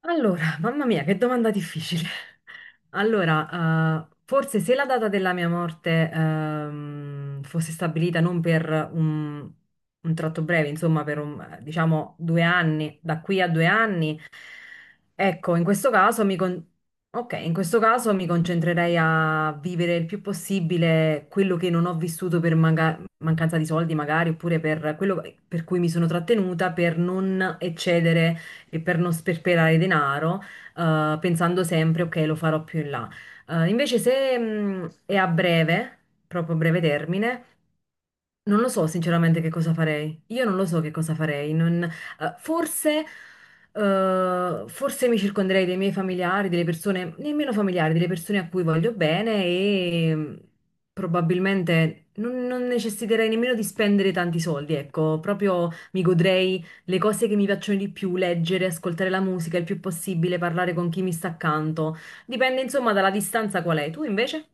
Allora, mamma mia, che domanda difficile. Allora, forse se la data della mia morte fosse stabilita non per un tratto breve, insomma, per diciamo 2 anni, da qui a 2 anni, ecco, in questo caso in questo caso mi concentrerei a vivere il più possibile quello che non ho vissuto per mancanza di soldi, magari, oppure per quello per cui mi sono trattenuta, per non eccedere e per non sperperare denaro, pensando sempre, ok, lo farò più in là. Invece se è a breve, proprio a breve termine, non lo so sinceramente che cosa farei. Io non lo so che cosa farei. Forse mi circonderei dei miei familiari, delle persone, nemmeno familiari, delle persone a cui voglio bene e probabilmente non necessiterei nemmeno di spendere tanti soldi. Ecco, proprio mi godrei le cose che mi piacciono di più, leggere, ascoltare la musica il più possibile, parlare con chi mi sta accanto. Dipende insomma dalla distanza qual è. Tu invece?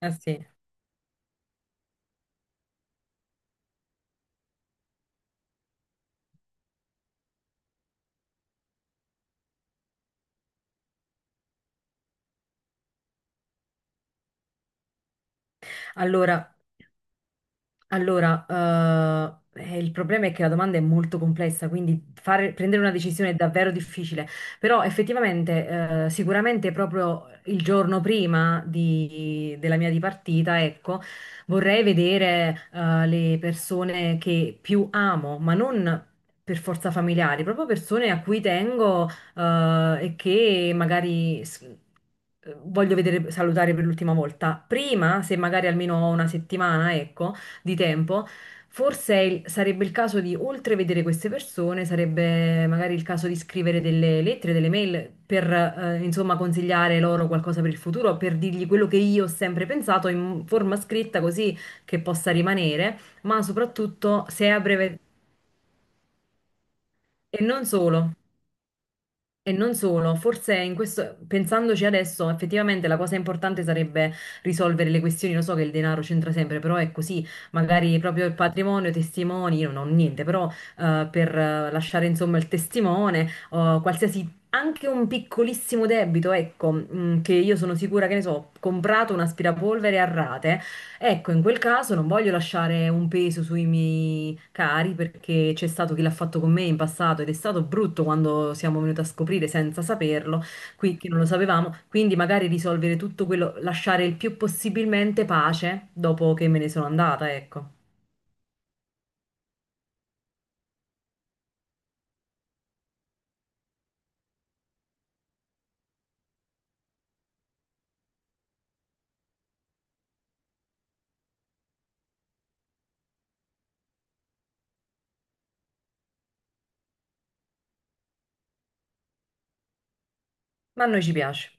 Ah sì. Allora. Allora, il problema è che la domanda è molto complessa, quindi prendere una decisione è davvero difficile, però effettivamente, sicuramente proprio il giorno prima della mia dipartita, ecco, vorrei vedere, le persone che più amo, ma non per forza familiari, proprio persone a cui tengo, e che magari... Voglio vedere, salutare per l'ultima volta. Prima, se magari almeno ho una settimana, ecco, di tempo, forse sarebbe il caso di, oltre vedere queste persone, sarebbe magari il caso di scrivere delle lettere, delle mail per, insomma, consigliare loro qualcosa per il futuro, per dirgli quello che io ho sempre pensato in forma scritta così che possa rimanere, ma soprattutto se è a breve... E non solo. E non solo, forse in questo, pensandoci adesso, effettivamente la cosa importante sarebbe risolvere le questioni. Lo so che il denaro c'entra sempre, però è così. Magari proprio il patrimonio, i testimoni, io non ho niente, però per lasciare insomma il testimone, o qualsiasi, anche un piccolissimo debito, ecco, che io sono sicura che ne so, ho comprato un aspirapolvere a rate. Ecco, in quel caso non voglio lasciare un peso sui miei cari perché c'è stato chi l'ha fatto con me in passato ed è stato brutto quando siamo venuti a scoprire senza saperlo, qui che non lo sapevamo, quindi magari risolvere tutto quello, lasciare il più possibilmente pace dopo che me ne sono andata, ecco. Ma a noi ci piace.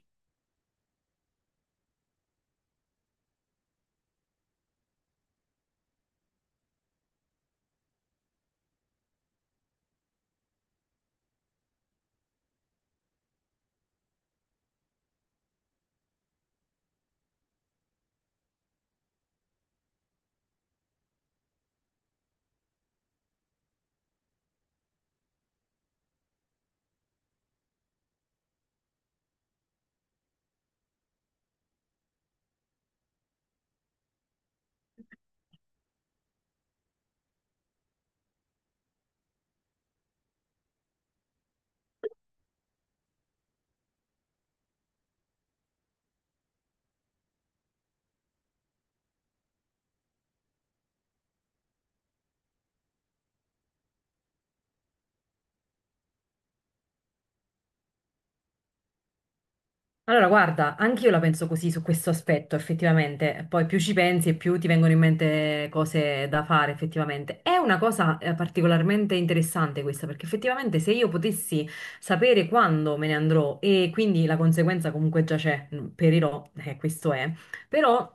Allora, guarda, anch'io la penso così su questo aspetto, effettivamente. Poi più ci pensi e più ti vengono in mente cose da fare, effettivamente. È una cosa particolarmente interessante questa, perché effettivamente se io potessi sapere quando me ne andrò e quindi la conseguenza comunque già c'è, mm, perirò, questo è. Però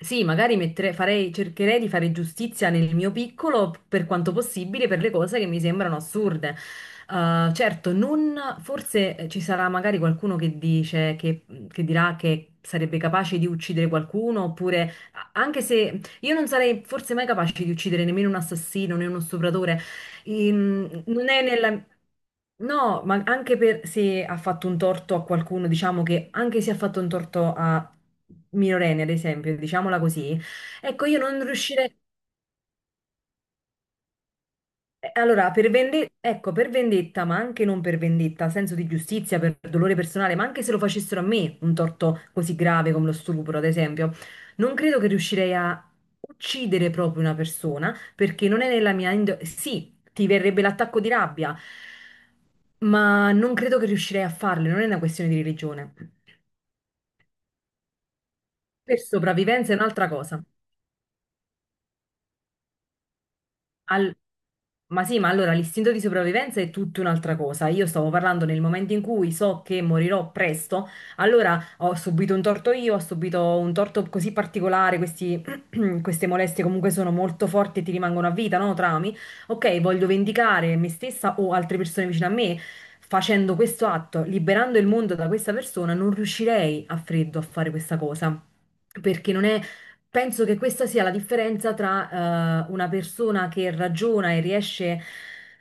sì, magari cercherei di fare giustizia nel mio piccolo per quanto possibile per le cose che mi sembrano assurde. Certo, non, forse ci sarà magari qualcuno che dice che dirà che sarebbe capace di uccidere qualcuno, oppure anche se io non sarei forse mai capace di uccidere nemmeno un assassino né uno stupratore. Non è nella... No, ma anche per se ha fatto un torto a qualcuno, diciamo che anche se ha fatto un torto a minorenni, ad esempio, diciamola così, ecco, io non riuscirei. Allora, ecco, per vendetta, ma anche non per vendetta, senso di giustizia, per dolore personale, ma anche se lo facessero a me un torto così grave come lo stupro, ad esempio, non credo che riuscirei a uccidere proprio una persona perché non è nella mia... Sì, ti verrebbe l'attacco di rabbia, ma non credo che riuscirei a farlo, non è una questione di religione. Per sopravvivenza è un'altra cosa. Al- Ma sì, ma allora l'istinto di sopravvivenza è tutta un'altra cosa. Io stavo parlando nel momento in cui so che morirò presto, allora ho subito un torto io, ho subito un torto così particolare, queste molestie comunque sono molto forti e ti rimangono a vita, no? Traumi. Ok, voglio vendicare me stessa o altre persone vicino a me. Facendo questo atto, liberando il mondo da questa persona, non riuscirei a freddo a fare questa cosa. Perché non è. Penso che questa sia la differenza tra una persona che ragiona e riesce,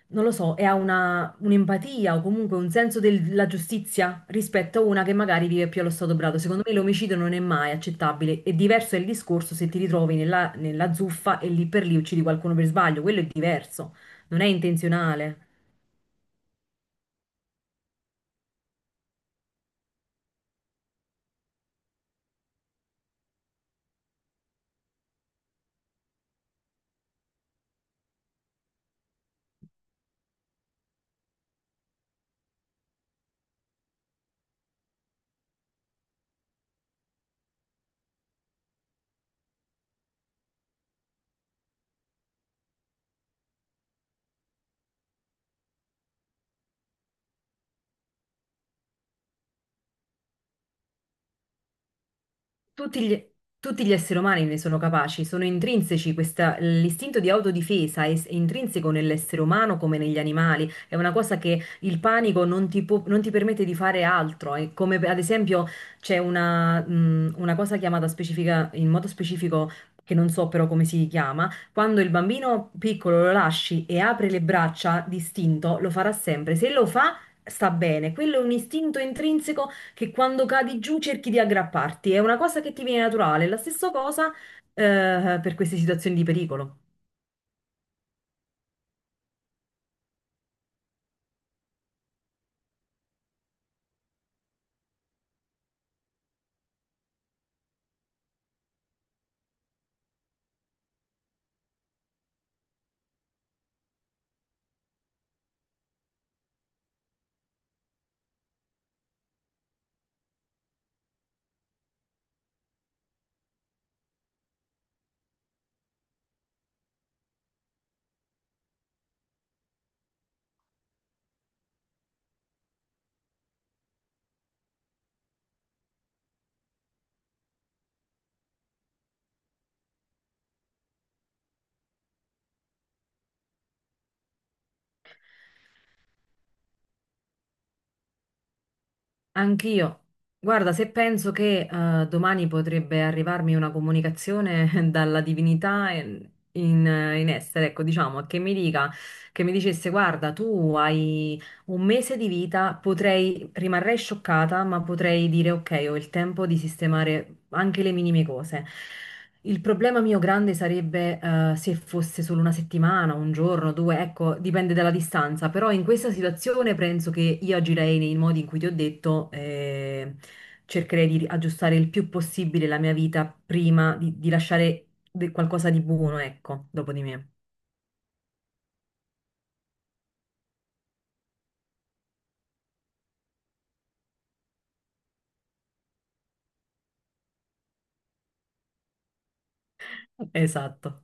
non lo so, e ha una, un'empatia o comunque un senso della giustizia rispetto a una che magari vive più allo stato brado. Secondo me l'omicidio non è mai accettabile. È diverso il discorso se ti ritrovi nella zuffa e lì per lì uccidi qualcuno per sbaglio. Quello è diverso, non è intenzionale. Tutti gli, Tutti gli esseri umani ne sono capaci, sono intrinseci, l'istinto di autodifesa è intrinseco nell'essere umano come negli animali, è una cosa che il panico non ti, non ti permette di fare altro, è come ad esempio c'è una cosa chiamata specifica, in modo specifico, che non so però come si chiama, quando il bambino piccolo lo lasci e apre le braccia d'istinto, lo farà sempre, se lo fa sta bene, quello è un istinto intrinseco che quando cadi giù cerchi di aggrapparti. È una cosa che ti viene naturale. La stessa cosa, per queste situazioni di pericolo. Anch'io. Guarda, se penso che, domani potrebbe arrivarmi una comunicazione dalla divinità in essere, ecco, diciamo, che mi dicesse, guarda, tu hai un mese di vita, potrei, rimarrei scioccata, ma potrei dire, ok, ho il tempo di sistemare anche le minime cose. Il problema mio grande sarebbe se fosse solo una settimana, un giorno, due, ecco, dipende dalla distanza, però in questa situazione penso che io agirei nei modi in cui ti ho detto, cercherei di aggiustare il più possibile la mia vita prima di lasciare qualcosa di buono, ecco, dopo di me. Esatto.